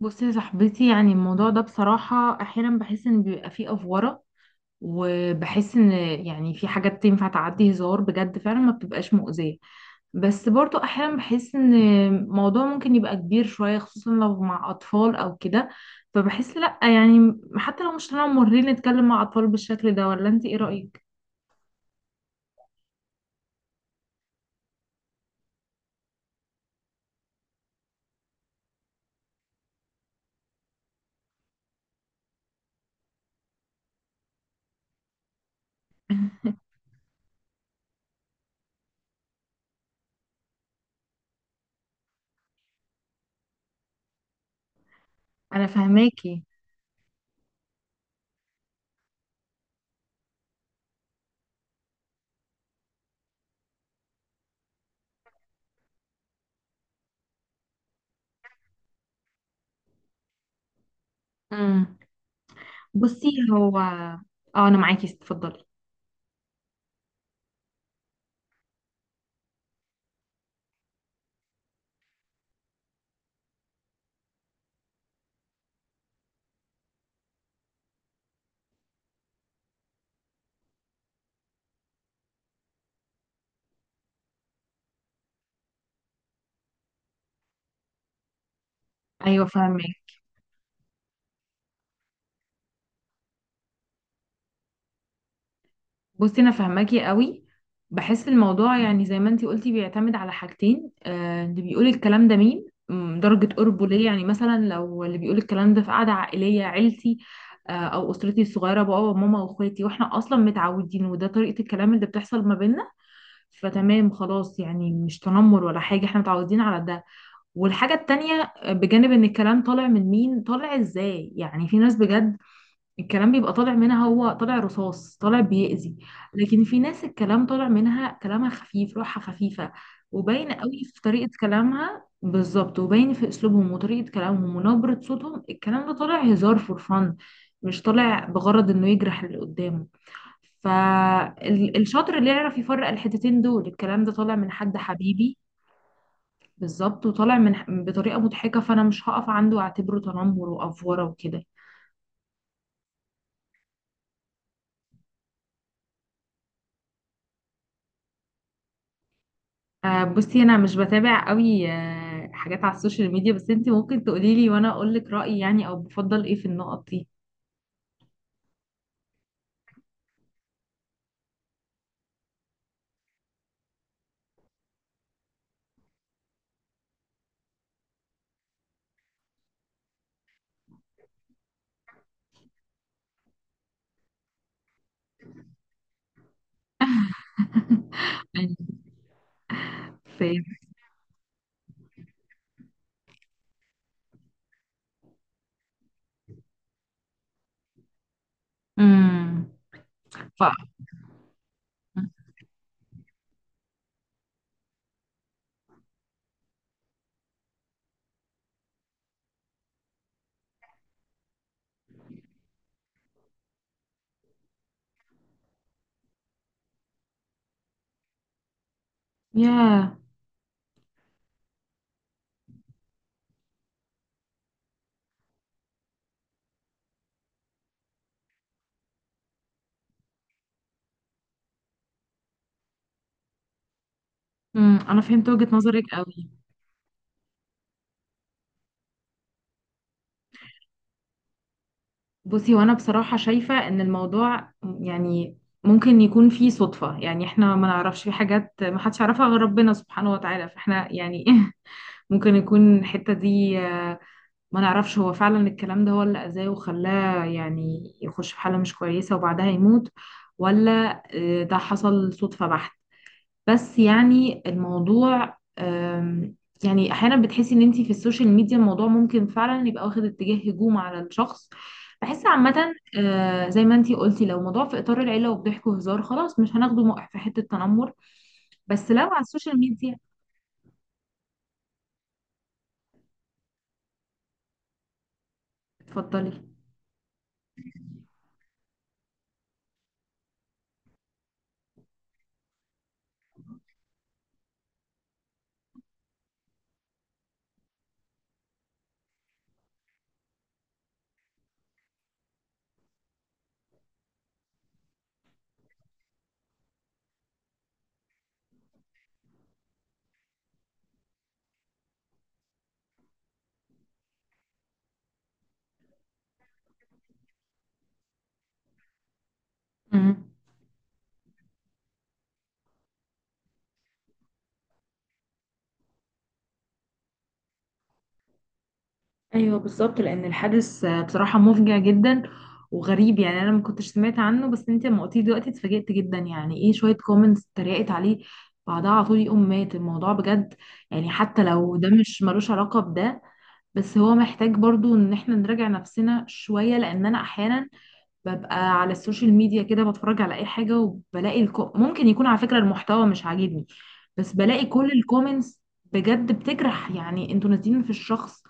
بصي يا صاحبتي، يعني الموضوع ده بصراحة أحيانا بحس إن بيبقى فيه أفورة. وبحس إن، يعني في حاجات تنفع تعدي هزار، بجد فعلا ما بتبقاش مؤذية. بس برضو أحيانا بحس إن الموضوع ممكن يبقى كبير شوية، خصوصا لو مع أطفال أو كده. فبحس لأ، يعني حتى لو مش طالعة مورين نتكلم مع أطفال بالشكل ده. ولا أنت إيه رأيك؟ أنا فهماكي. امم بصي هو أنا معاكي، اتفضلي. أيوه فهماكي. بصي انا فاهماكي قوي. بحس الموضوع يعني زي ما انتي قلتي بيعتمد على حاجتين. اللي بيقول الكلام ده مين، درجة قربه ليا. يعني مثلا لو اللي بيقول الكلام ده في قعدة عائلية عيلتي، او اسرتي الصغيرة، بابا وماما واخواتي، واحنا اصلا متعودين وده طريقة الكلام اللي بتحصل ما بيننا. فتمام خلاص، يعني مش تنمر ولا حاجة، احنا متعودين على ده. والحاجة التانية بجانب ان الكلام طالع من مين، طالع ازاي. يعني في ناس بجد الكلام بيبقى طالع منها، هو طالع رصاص، طالع بيأذي. لكن في ناس الكلام طالع منها كلامها خفيف، روحها خفيفة، وباين قوي في طريقة كلامها بالظبط، وباين في أسلوبهم وطريقة كلامهم ونبرة صوتهم، الكلام ده طالع هزار فور فن، مش طالع بغرض إنه يجرح اللي قدامه. فالشاطر اللي يعرف يفرق الحتتين دول. الكلام ده طالع من حد حبيبي بالظبط، وطالع من بطريقة مضحكة، فأنا مش هقف عنده وأعتبره تنمر وأفورة وكده. بصي انا مش بتابع قوي حاجات على السوشيال ميديا، بس انت ممكن تقولي لي وانا اقول لك رايي، يعني او بفضل ايه في النقط دي. يعني في امم ف يا انا فهمت وجهة نظرك قوي. بصي وانا بصراحة شايفة ان الموضوع، يعني ممكن يكون فيه صدفة. يعني احنا ما نعرفش، في حاجات ما حدش يعرفها غير ربنا سبحانه وتعالى، فاحنا يعني ممكن يكون الحتة دي ما نعرفش هو فعلا الكلام ده هو اللي أذاه وخلاه يعني يخش في حالة مش كويسة وبعدها يموت، ولا ده حصل صدفة بحت. بس يعني الموضوع يعني أحيانا بتحسي إن أنتي في السوشيال ميديا الموضوع ممكن فعلا يبقى واخد اتجاه هجوم على الشخص. بحس عامة زي ما أنتي قلتي، لو موضوع في إطار العيلة وبضحك وهزار، خلاص مش هناخده موقف في حتة تنمر. بس لو على السوشيال ميديا، اتفضلي. مم. ايوه بالظبط، لان الحادث بصراحه مفجع جدا وغريب. يعني انا ما كنتش سمعت عنه، بس انت لما قلتيه دلوقتي اتفاجئت جدا. يعني ايه شويه كومنتس اتريقت عليه بعدها على طول يقوم مات؟ الموضوع بجد، يعني حتى لو ده مش ملوش علاقه بده، بس هو محتاج برضو ان احنا نراجع نفسنا شويه. لان انا احيانا ببقى على السوشيال ميديا كده بتفرج على اي حاجه وبلاقي ممكن يكون على فكره المحتوى مش عاجبني، بس بلاقي كل الكومنتس بجد بتجرح. يعني انتوا نازلين في الشخص،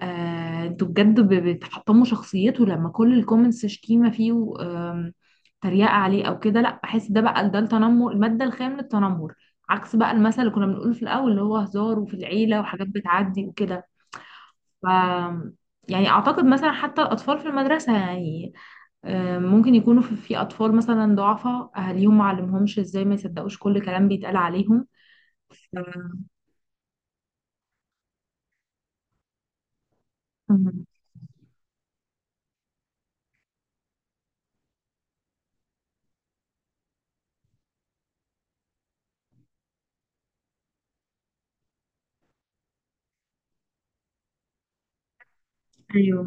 انتوا بجد بتحطموا شخصيته. لما كل الكومنتس شتيمة فيه و تريقة عليه او كده، لا بحس ده بقى، ده التنمر، المادة الخام للتنمر. عكس بقى المثل اللي كنا بنقوله في الاول اللي هو هزار وفي العيلة وحاجات بتعدي وكده. ف يعني اعتقد مثلا حتى الاطفال في المدرسة، يعني ممكن يكونوا في اطفال مثلا ضعفاء اهاليهم ما علمهمش ازاي ما يصدقوش كل كلام بيتقال عليهم. ف- مم. ايوه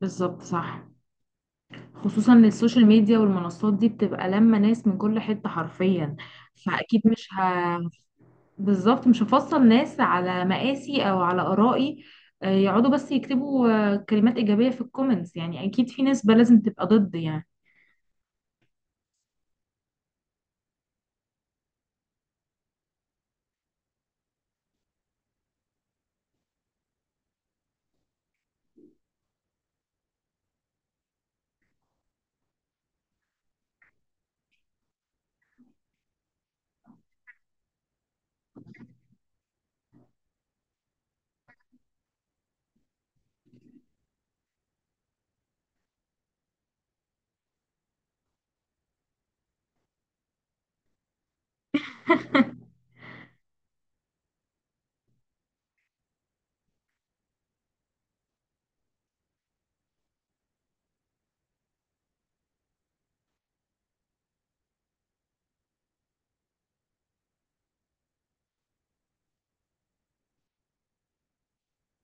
بالظبط صح. خصوصا إن السوشيال ميديا والمنصات دي بتبقى لما ناس من كل حتة حرفيا، فأكيد مش ه... بالظبط مش هفصل ناس على مقاسي أو على آرائي. يقعدوا بس يكتبوا كلمات إيجابية في الكومنتس. يعني أكيد في ناس بقى لازم تبقى ضد. يعني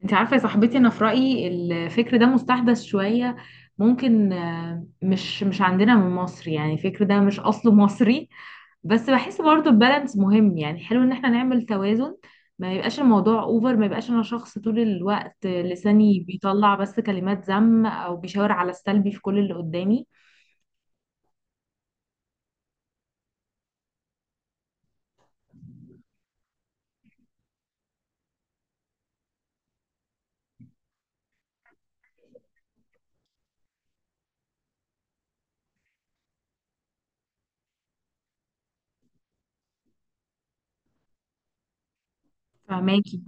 أنت عارفة يا صاحبتي، أنا في رأيي الفكر ده مستحدث شوية. ممكن مش عندنا من مصر، يعني الفكر ده مش أصله مصري. بس بحس برضو البالانس مهم، يعني حلو ان احنا نعمل توازن. ما يبقاش الموضوع اوفر، ما يبقاش انا شخص طول الوقت لساني بيطلع بس كلمات ذم او بيشاور على السلبي في كل اللي قدامي. فهماكي.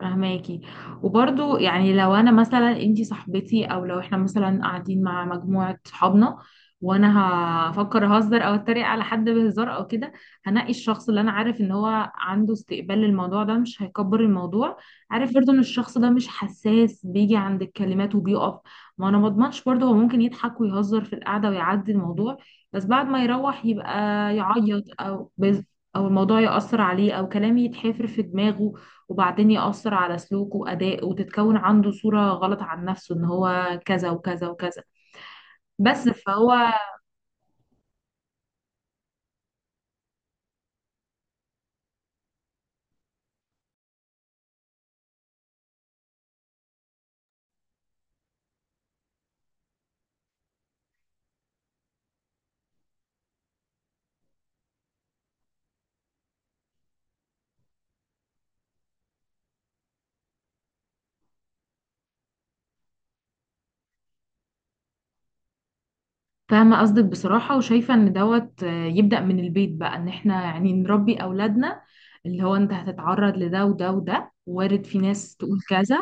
فهماكي. وبرضو يعني لو انا مثلا انتي صاحبتي، او لو احنا مثلا قاعدين مع مجموعة صحابنا وانا هفكر اهزر او اتريق على حد بهزار او كده، هنقي الشخص اللي انا عارف ان هو عنده استقبال للموضوع ده، مش هيكبر الموضوع. عارف برضو ان الشخص ده مش حساس بيجي عند الكلمات وبيقف. ما انا ما اضمنش برضو، هو ممكن يضحك ويهزر في القعدة ويعدي الموضوع، بس بعد ما يروح يبقى يعيط او بز، او الموضوع يأثر عليه، او كلامي يتحفر في دماغه وبعدين يأثر على سلوكه وأدائه، وتتكون عنده صورة غلط عن نفسه إن هو كذا وكذا وكذا. بس فهو. فاهمة قصدك بصراحة، وشايفة إن دوت يبدأ من البيت بقى. إن إحنا يعني نربي أولادنا، اللي هو أنت هتتعرض لده وده وده، وارد في ناس تقول كذا،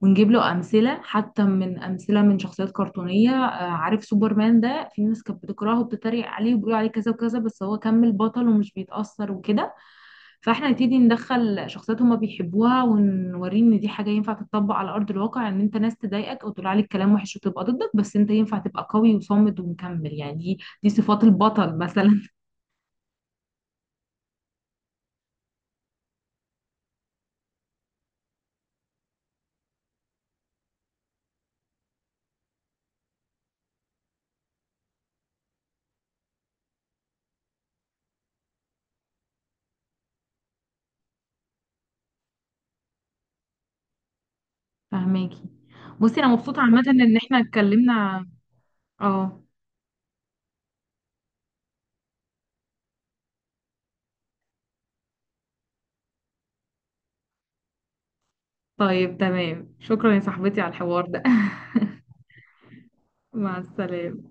ونجيب له أمثلة حتى من أمثلة من شخصيات كرتونية. عارف سوبرمان ده، في ناس كانت بتكرهه وبتتريق عليه وبيقولوا عليه كذا وكذا، بس هو كمل بطل ومش بيتأثر وكده. فاحنا نبتدي ندخل شخصيات هما بيحبوها ونوريه ان دي حاجه ينفع تتطبق على ارض الواقع، ان انت ناس تضايقك او تقول عليك كلام وحش وتبقى ضدك، بس انت ينفع تبقى قوي وصامد ومكمل. يعني دي صفات البطل مثلا. فهماكي. بصي انا مبسوطه عامه ان احنا اتكلمنا. اه طيب تمام، شكرا يا صاحبتي على الحوار ده. مع السلامه.